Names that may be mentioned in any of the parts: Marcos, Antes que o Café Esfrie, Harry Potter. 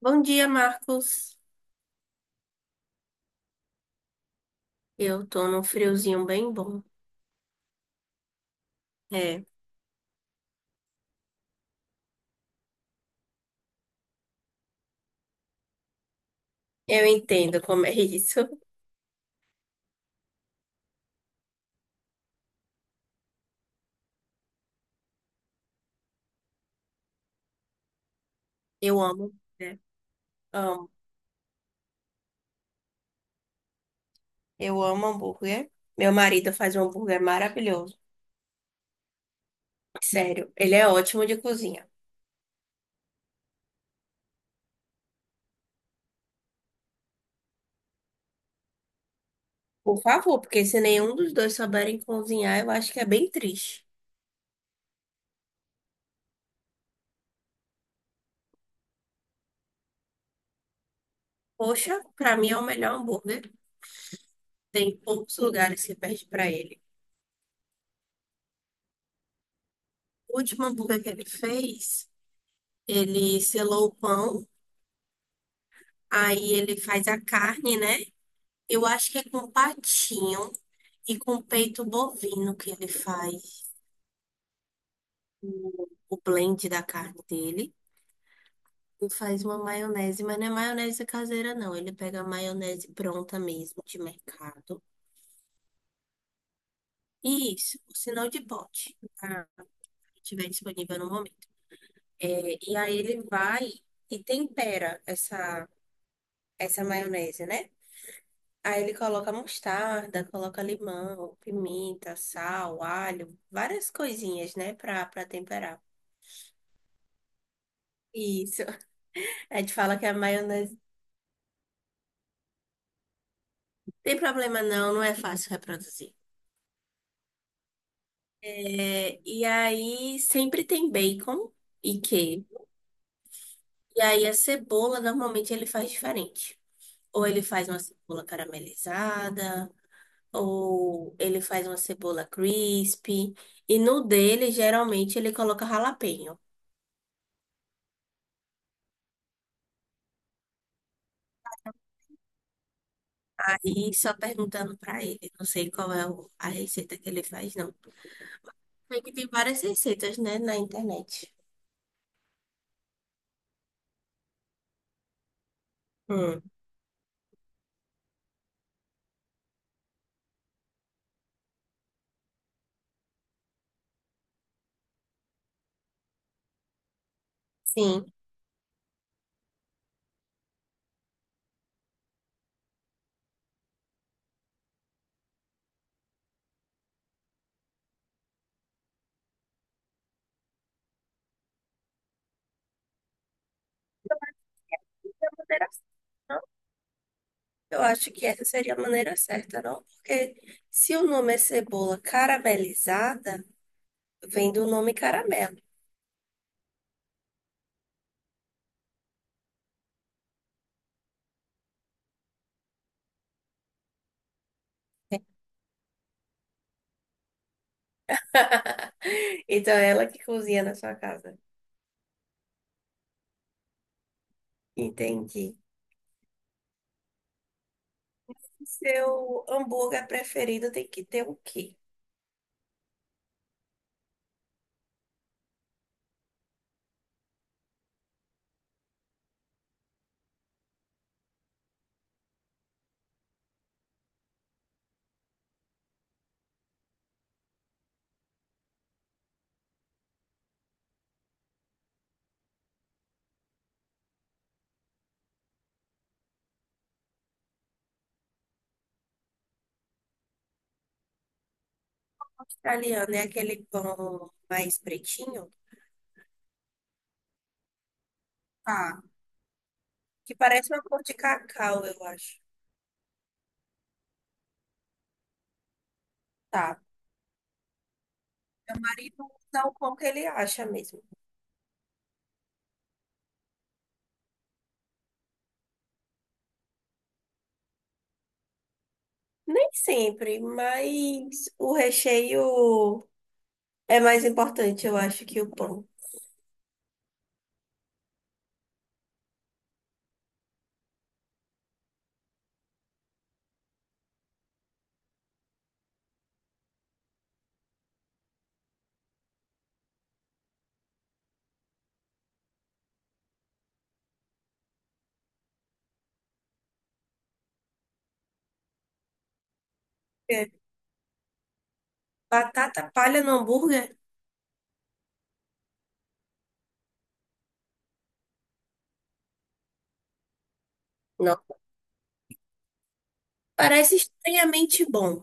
Bom dia, Marcos. Eu tô num friozinho bem bom. É, eu entendo como é isso. Eu amo, né? Amo. Eu amo hambúrguer. Meu marido faz um hambúrguer maravilhoso. Sério, ele é ótimo de cozinha. Por favor, porque se nenhum dos dois souberem cozinhar, eu acho que é bem triste. Poxa, pra mim é o melhor hambúrguer. Tem poucos lugares que perde pra ele. O último hambúrguer que ele fez, ele selou o pão, aí ele faz a carne, né? Eu acho que é com patinho e com peito bovino que ele faz o blend da carne dele. E faz uma maionese, mas não é maionese caseira, não. Ele pega a maionese pronta mesmo, de mercado. E isso, o sinal de pote, tá? Se tiver disponível no momento. É, e aí ele vai e tempera essa maionese, né? Aí ele coloca mostarda, coloca limão, pimenta, sal, alho, várias coisinhas, né, pra temperar. Isso. A gente fala que a maionese. Tem problema não, não é fácil reproduzir. É, e aí sempre tem bacon e queijo. E aí a cebola normalmente ele faz diferente. Ou ele faz uma cebola caramelizada, ou ele faz uma cebola crispy. E no dele, geralmente, ele coloca jalapeño. Aí só perguntando pra ele, não sei qual é o- a receita que ele faz, não. Sei que tem várias receitas, né, na internet. Hum, sim. Eu acho que essa seria a maneira certa, não? Porque se o nome é cebola caramelizada, vem do nome caramelo. Então é ela que cozinha na sua casa. Entendi. Seu hambúrguer preferido tem que ter o quê? Italiano é aquele pão mais pretinho? Tá. Que parece uma cor de cacau, eu acho. Tá. Meu marido usa o pão que ele acha mesmo. Nem sempre, mas o recheio. É mais importante, eu acho, que o pão. É. Batata palha no hambúrguer? Não. Parece estranhamente bom.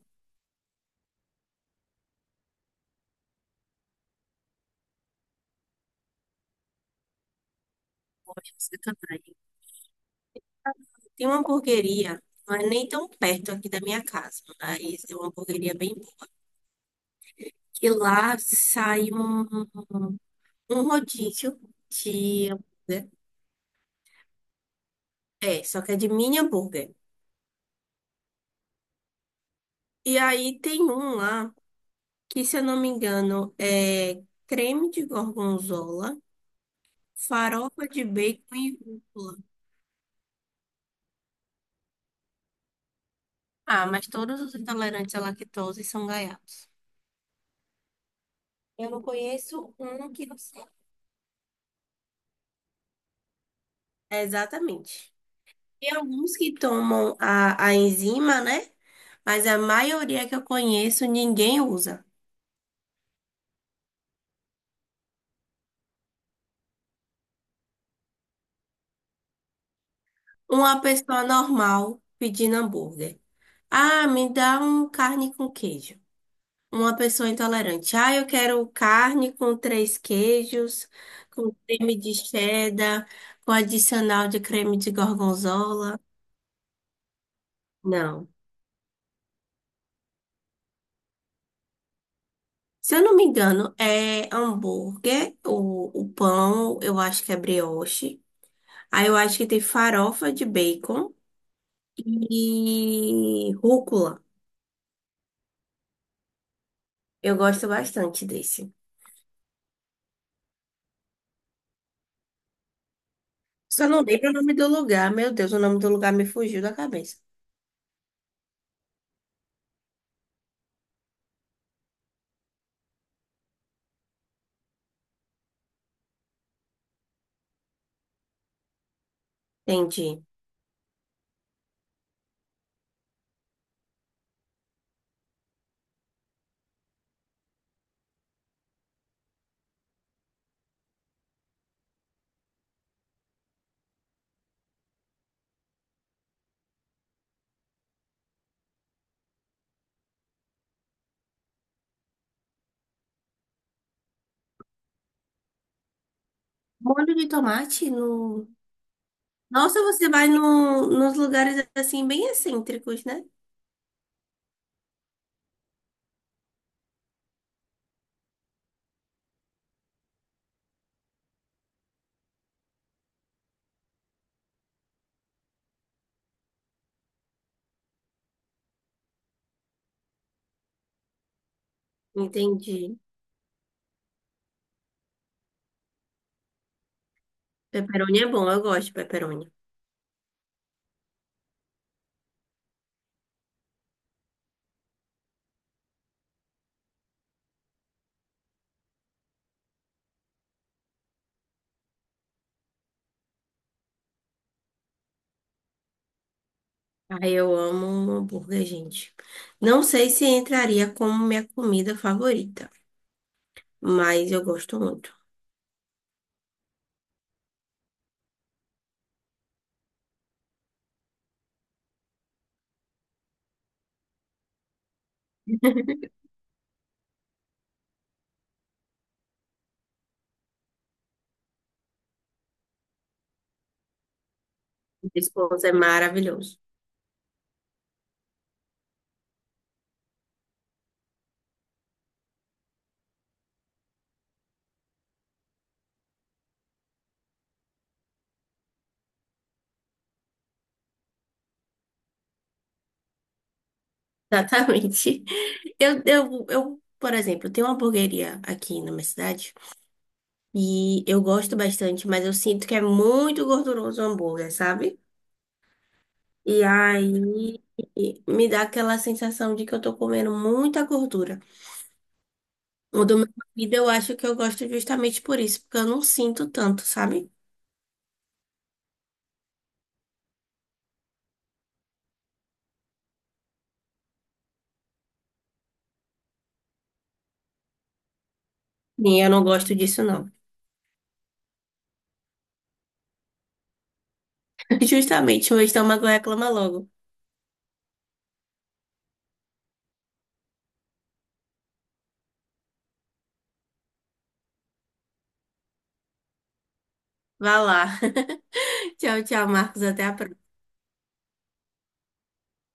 Poxa, sacanagem. Tem uma hamburgueria, mas nem tão perto aqui da minha casa. Mas é uma hamburgueria bem boa. Que lá sai um rodízio de hambúrguer. É, só que é de mini hambúrguer. E aí tem um lá que, se eu não me engano, é creme de gorgonzola, farofa de bacon e rúcula. Ah, mas todos os intolerantes à lactose são gaiatos. Eu não conheço um que não seja. Exatamente. Tem alguns que tomam a enzima, né? Mas a maioria que eu conheço, ninguém usa. Uma pessoa normal pedindo hambúrguer. Ah, me dá um carne com queijo. Uma pessoa intolerante. Ah, eu quero carne com três queijos, com creme de cheddar, com adicional de creme de gorgonzola. Não. Se eu não me engano, é hambúrguer, o pão, eu acho que é brioche. Aí eu acho que tem farofa de bacon e rúcula. Eu gosto bastante desse. Só não lembro o nome do lugar. Meu Deus, o nome do lugar me fugiu da cabeça. Entendi. Molho de tomate no... Nossa, você vai no, nos lugares assim bem excêntricos, né? Entendi. Pepperoni é bom, eu gosto de pepperoni. Ah, eu amo um hambúrguer, gente. Não sei se entraria como minha comida favorita, mas eu gosto muito. Resposta Esposa é maravilhoso. Exatamente. Por exemplo, tenho uma hamburgueria aqui na minha cidade e eu gosto bastante, mas eu sinto que é muito gorduroso o hambúrguer, sabe? E aí me dá aquela sensação de que eu tô comendo muita gordura. O do meu marido eu acho que eu gosto justamente por isso, porque eu não sinto tanto, sabe? Sim, eu não gosto disso, não. Justamente, mas estômago reclama logo. Vá lá. Tchau, tchau, Marcos. Até a próxima.